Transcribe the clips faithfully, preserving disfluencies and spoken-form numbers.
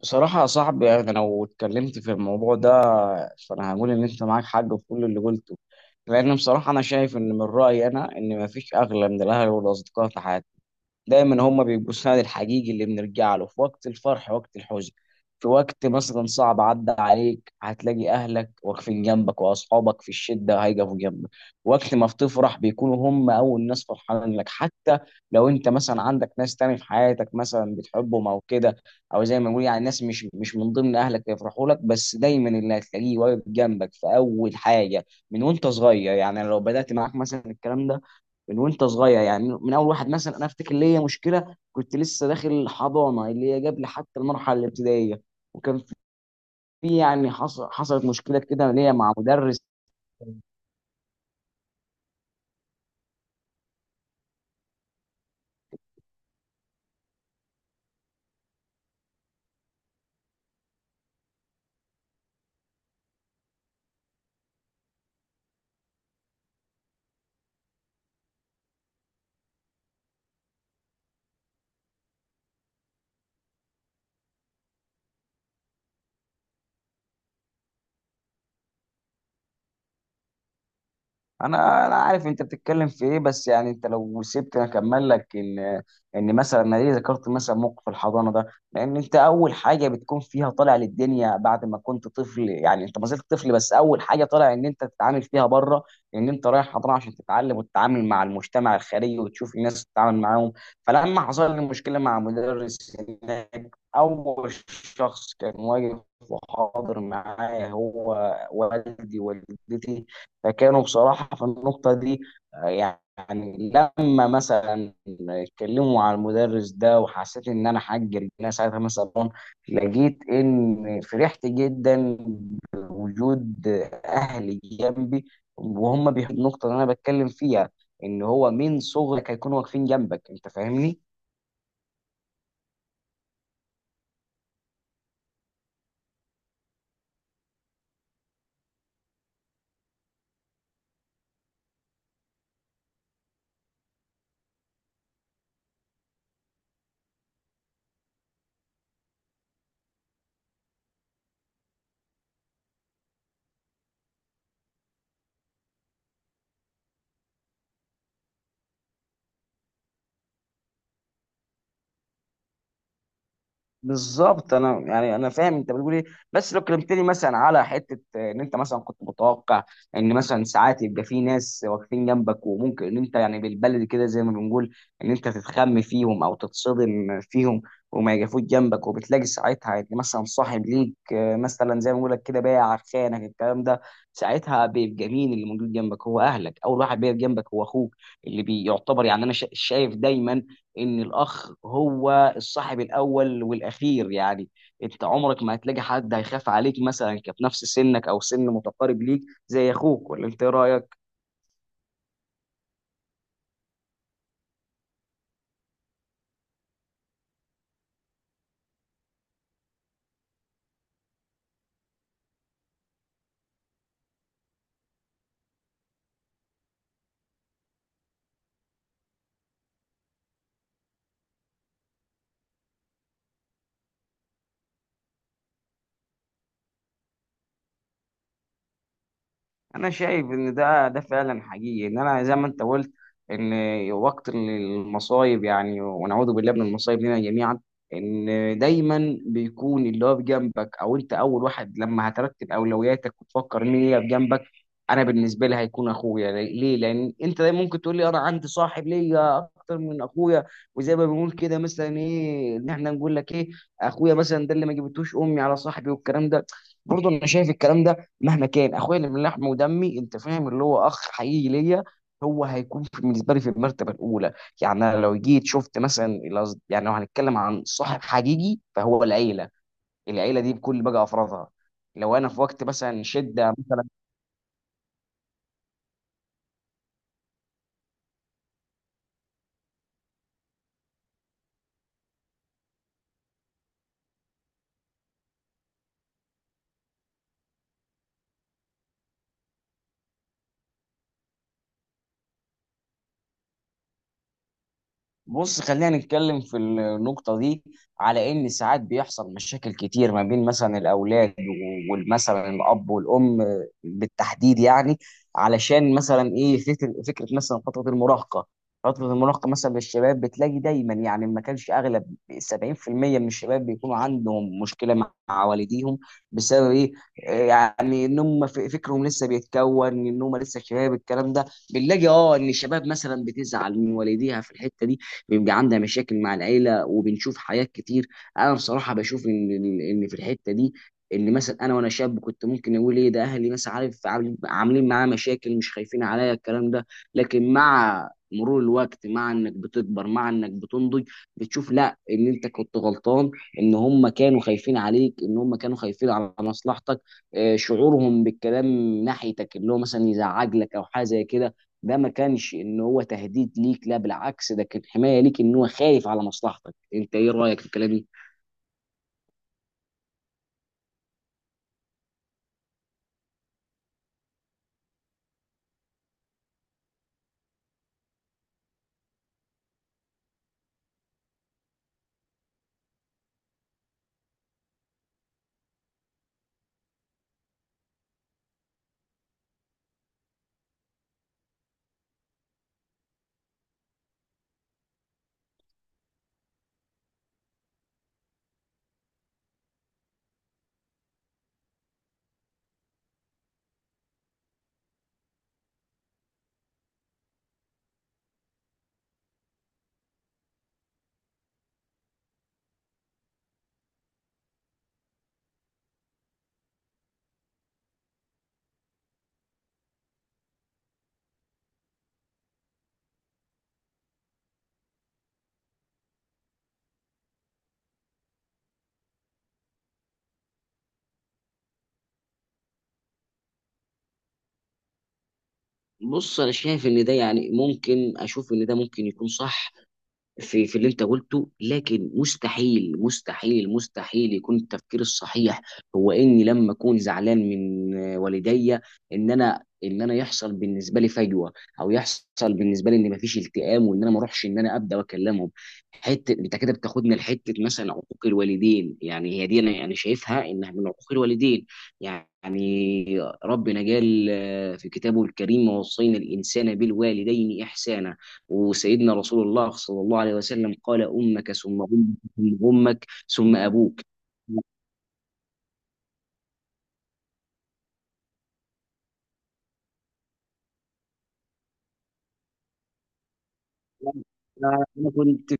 بصراحة يا صاحبي، يعني أنا لو اتكلمت في الموضوع ده فأنا هقول إن أنت معاك حق في كل اللي قلته. لأن بصراحة أنا شايف إن من رأيي أنا إن مفيش أغلى من الأهل والأصدقاء في حياتي. دايما هم بيبقوا السند الحقيقي اللي بنرجع له في وقت الفرح وقت الحزن. في وقت مثلا صعب عدى عليك هتلاقي اهلك واقفين جنبك، واصحابك في الشده هيقفوا جنبك. وقت ما بتفرح بيكونوا هم اول ناس فرحانين لك، حتى لو انت مثلا عندك ناس تاني في حياتك مثلا بتحبهم او كده، او زي ما بنقول يعني ناس مش مش من ضمن اهلك يفرحوا لك. بس دايما اللي هتلاقيه واقف جنبك في اول حاجه من وانت صغير. يعني لو بدات معاك مثلا الكلام ده من وانت صغير، يعني من اول واحد مثلا انا افتكر ليا مشكله كنت لسه داخل حضانه، اللي هي قبل حتى المرحله الابتدائيه. وكان في، يعني حصل حصلت مشكله كده ليا مع مدرس. انا انا عارف انت بتتكلم في ايه، بس يعني انت لو سبتني اكمل لك ان ان مثلا انا ليه ذكرت مثلا موقف الحضانه ده. لان انت اول حاجه بتكون فيها طالع للدنيا بعد ما كنت طفل، يعني انت ما زلت طفل، بس اول حاجه طالع ان انت تتعامل فيها بره، ان انت رايح حضانه عشان تتعلم وتتعامل مع المجتمع الخارجي وتشوف الناس تتعامل معاهم. فلما حصل لي مشكله مع مدرس هناك، اول شخص كان واقف وحاضر معايا هو والدي والدتي. فكانوا بصراحة في النقطة دي، آه، يعني لما مثلا اتكلموا على المدرس ده وحسيت ان انا حجر انا ساعتها، مثلا لقيت ان فرحت جدا بوجود اهلي جنبي، وهم بيحبوا النقطة اللي انا بتكلم فيها، ان هو من صغرك هيكونوا واقفين جنبك. انت فاهمني؟ بالظبط، انا يعني انا فاهم انت بتقول ايه. بس لو كلمتني مثلا على حته، آه، ان انت مثلا كنت متوقع ان مثلا ساعات يبقى في ناس واقفين جنبك، وممكن ان انت يعني بالبلدي كده زي ما بنقول ان انت تتخم فيهم او تتصدم فيهم وما يقفوش جنبك. وبتلاقي ساعتها ان مثلا صاحب ليك، آه، مثلا زي ما بقول لك كده، بايع خانك الكلام ده. ساعتها بيبقى مين اللي موجود جنبك؟ هو اهلك. اول واحد بيقف جنبك هو اخوك، اللي بيعتبر، يعني انا شا- شايف دايما ان الاخ هو الصاحب الاول والاخير. يعني انت عمرك ما هتلاقي حد هيخاف عليك مثلا كفي نفس سنك او سن متقارب ليك زي اخوك. ولا انت إيه رايك؟ انا شايف ان ده ده فعلا حقيقي، ان انا زي ما انت قلت ان وقت المصايب، يعني ونعوذ بالله من المصايب لنا جميعا، ان دايما بيكون اللي هو بجنبك. او انت اول واحد لما هترتب اولوياتك وتفكر مين اللي بجنبك، انا بالنسبه لي هيكون اخويا. ليه؟ لان انت دايما ممكن تقول لي انا عندي صاحب ليا اكتر من اخويا. وزي ما بنقول كده مثلا ايه، ان احنا نقول لك ايه، اخويا مثلا ده اللي ما جبتوش امي على صاحبي والكلام ده. برضه انا شايف الكلام ده مهما كان، اخويا اللي من لحم ودمي، انت فاهم اللي هو اخ حقيقي ليا، هو هيكون في- بالنسبه لي في المرتبه الاولى. يعني انا لو جيت شفت مثلا الأصد- يعني لو هنتكلم عن صاحب حقيقي فهو العيله. العيله دي بكل بقى افرادها، لو انا في وقت مثلا شده. بص، خلينا نتكلم في النقطة دي، على إن ساعات بيحصل مشاكل كتير ما بين مثلا الأولاد ومثلا الأب والأم بالتحديد، يعني علشان مثلا إيه، فكرة فكرة مثلا فترة المراهقة. فترة المراهقة مثلا للشباب بتلاقي دايما، يعني ما كانش أغلب، سبعين في المية من الشباب بيكونوا عندهم مشكلة مع والديهم. بسبب إيه؟ يعني إن هم ف- فكرهم لسه بيتكون إن هم لسه شباب الكلام ده. بنلاقي اه ان الشباب مثلا بتزعل من والديها في الحته دي، بيبقى عندها مشاكل مع العيله، وبنشوف حاجات كتير. انا بصراحه بشوف ان ان في الحته دي، ان مثلا انا وانا شاب كنت ممكن اقول ايه ده اهلي مثلا، عارف، عامل- عاملين معايا مشاكل، مش خايفين عليا الكلام ده. لكن مع مرور الوقت، مع انك بتكبر مع انك بتنضج، بتشوف لا ان انت كنت غلطان، ان هم كانوا خايفين عليك، ان هم كانوا خايفين على مصلحتك. آه، شعورهم بالكلام ناحيتك اللي هو مثلا يزعج لك او حاجه زي كده، ده ما كانش ان هو تهديد ليك. لا بالعكس، ده كان حمايه ليك، ان هو خايف على مصلحتك. انت ايه رايك في الكلام ده؟ بص، انا شايف ان ده يعني ممكن اشوف ان ده ممكن يكون صح في في اللي انت قلته. لكن مستحيل مستحيل مستحيل يكون التفكير الصحيح هو اني لما اكون زعلان من آه، والديا، ان انا ان انا يحصل بالنسبه لي فجوه، او يحصل بالنسبه لي ان مفيش التئام، وان انا ما اروحش ان انا ابدا واكلمهم. حته انت كده بتاخدنا لحته مثلا عقوق الوالدين، يعني هي دي انا يعني شايفها انها من عقوق الوالدين. يعني ربنا قال آه، في كتابه الكريم: ووصينا الانسان بالوالدين احسانا. وسيدنا رسول الله صلى الله عليه وسلم قال: أمك ثم أمك ثم أمك ثم أبوك. أنا كنت،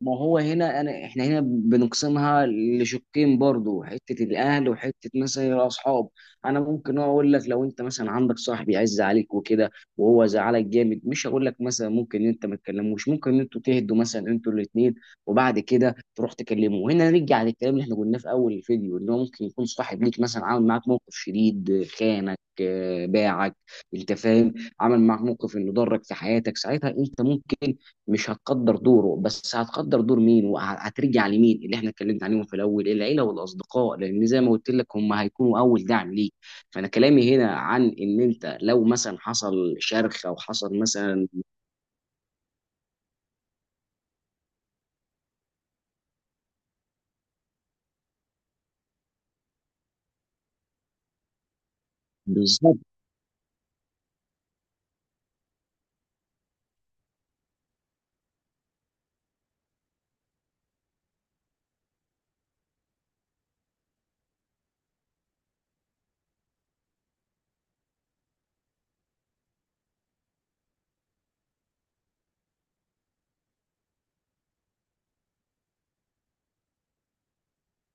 ما هو هنا انا، احنا هنا بنقسمها لشقين برضو، حته الاهل وحته مثلا الاصحاب. انا ممكن اقول لك لو انت مثلا عندك صاحب يعز عليك وكده وهو زعلك جامد، مش هقول لك مثلا ممكن إن انت ما تكلموش، ممكن ان انتوا تهدوا مثلا انتوا الاثنين، وبعد كده تروح تكلمه. وهنا نرجع للكلام اللي احنا قلناه في اول الفيديو، ان هو ممكن يكون صاحب ليك مثلا عامل معاك موقف شديد، خانك، آه، باعك، انت فاهم، عمل معاك موقف انه ضرك في حياتك. ساعتها انت ممكن مش هتقدر دوره، بس هتقدر دور مين وهترجع لمين اللي احنا اتكلمت عليهم في الاول، العيله والاصدقاء، لان زي ما قلت لك هم هيكونوا اول دعم ليك. فانا كلامي هنا عن ان انت لو مثلا حصل شرخ او حصل مثلا. بالظبط.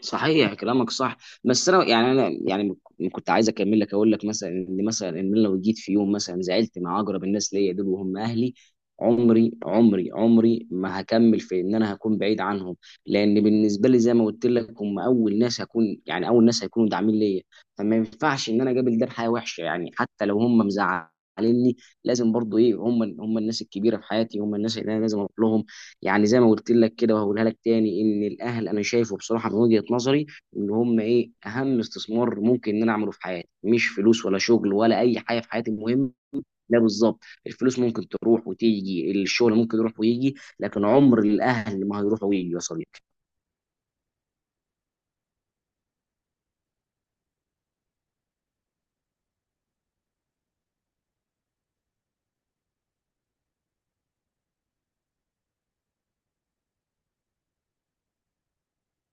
صحيح كلامك صح، بس انا يعني انا يعني كنت عايز اكمل لك، اقول لك مثلا ان مثلا ان أنا لو جيت في يوم مثلا زعلت مع اقرب الناس ليا دول وهم اهلي، عمري عمري عمري ما هكمل في ان انا هكون بعيد عنهم. لان بالنسبه لي زي ما قلت لك هم اول ناس هكون، يعني اول ناس هيكونوا داعمين ليا. فما ينفعش ان انا اقابل ده بحياه وحشه، يعني حتى لو هم مزعليني لازم برضو ايه، هم هم الناس الكبيره في حياتي، هم الناس اللي انا لازم اروح لهم. يعني زي ما قلت لك كده، وهقولها لك تاني، ان الاهل انا شايفه بصراحه من وجهه نظري ان هم ايه اهم استثمار ممكن ان انا اعمله في حياتي. مش فلوس ولا شغل ولا اي حاجه في حياتي المهم. لا بالظبط، الفلوس ممكن تروح وتيجي، الشغل ممكن يروح ويجي، لكن عمر الاهل ما هيروح ويجي يا صديقي.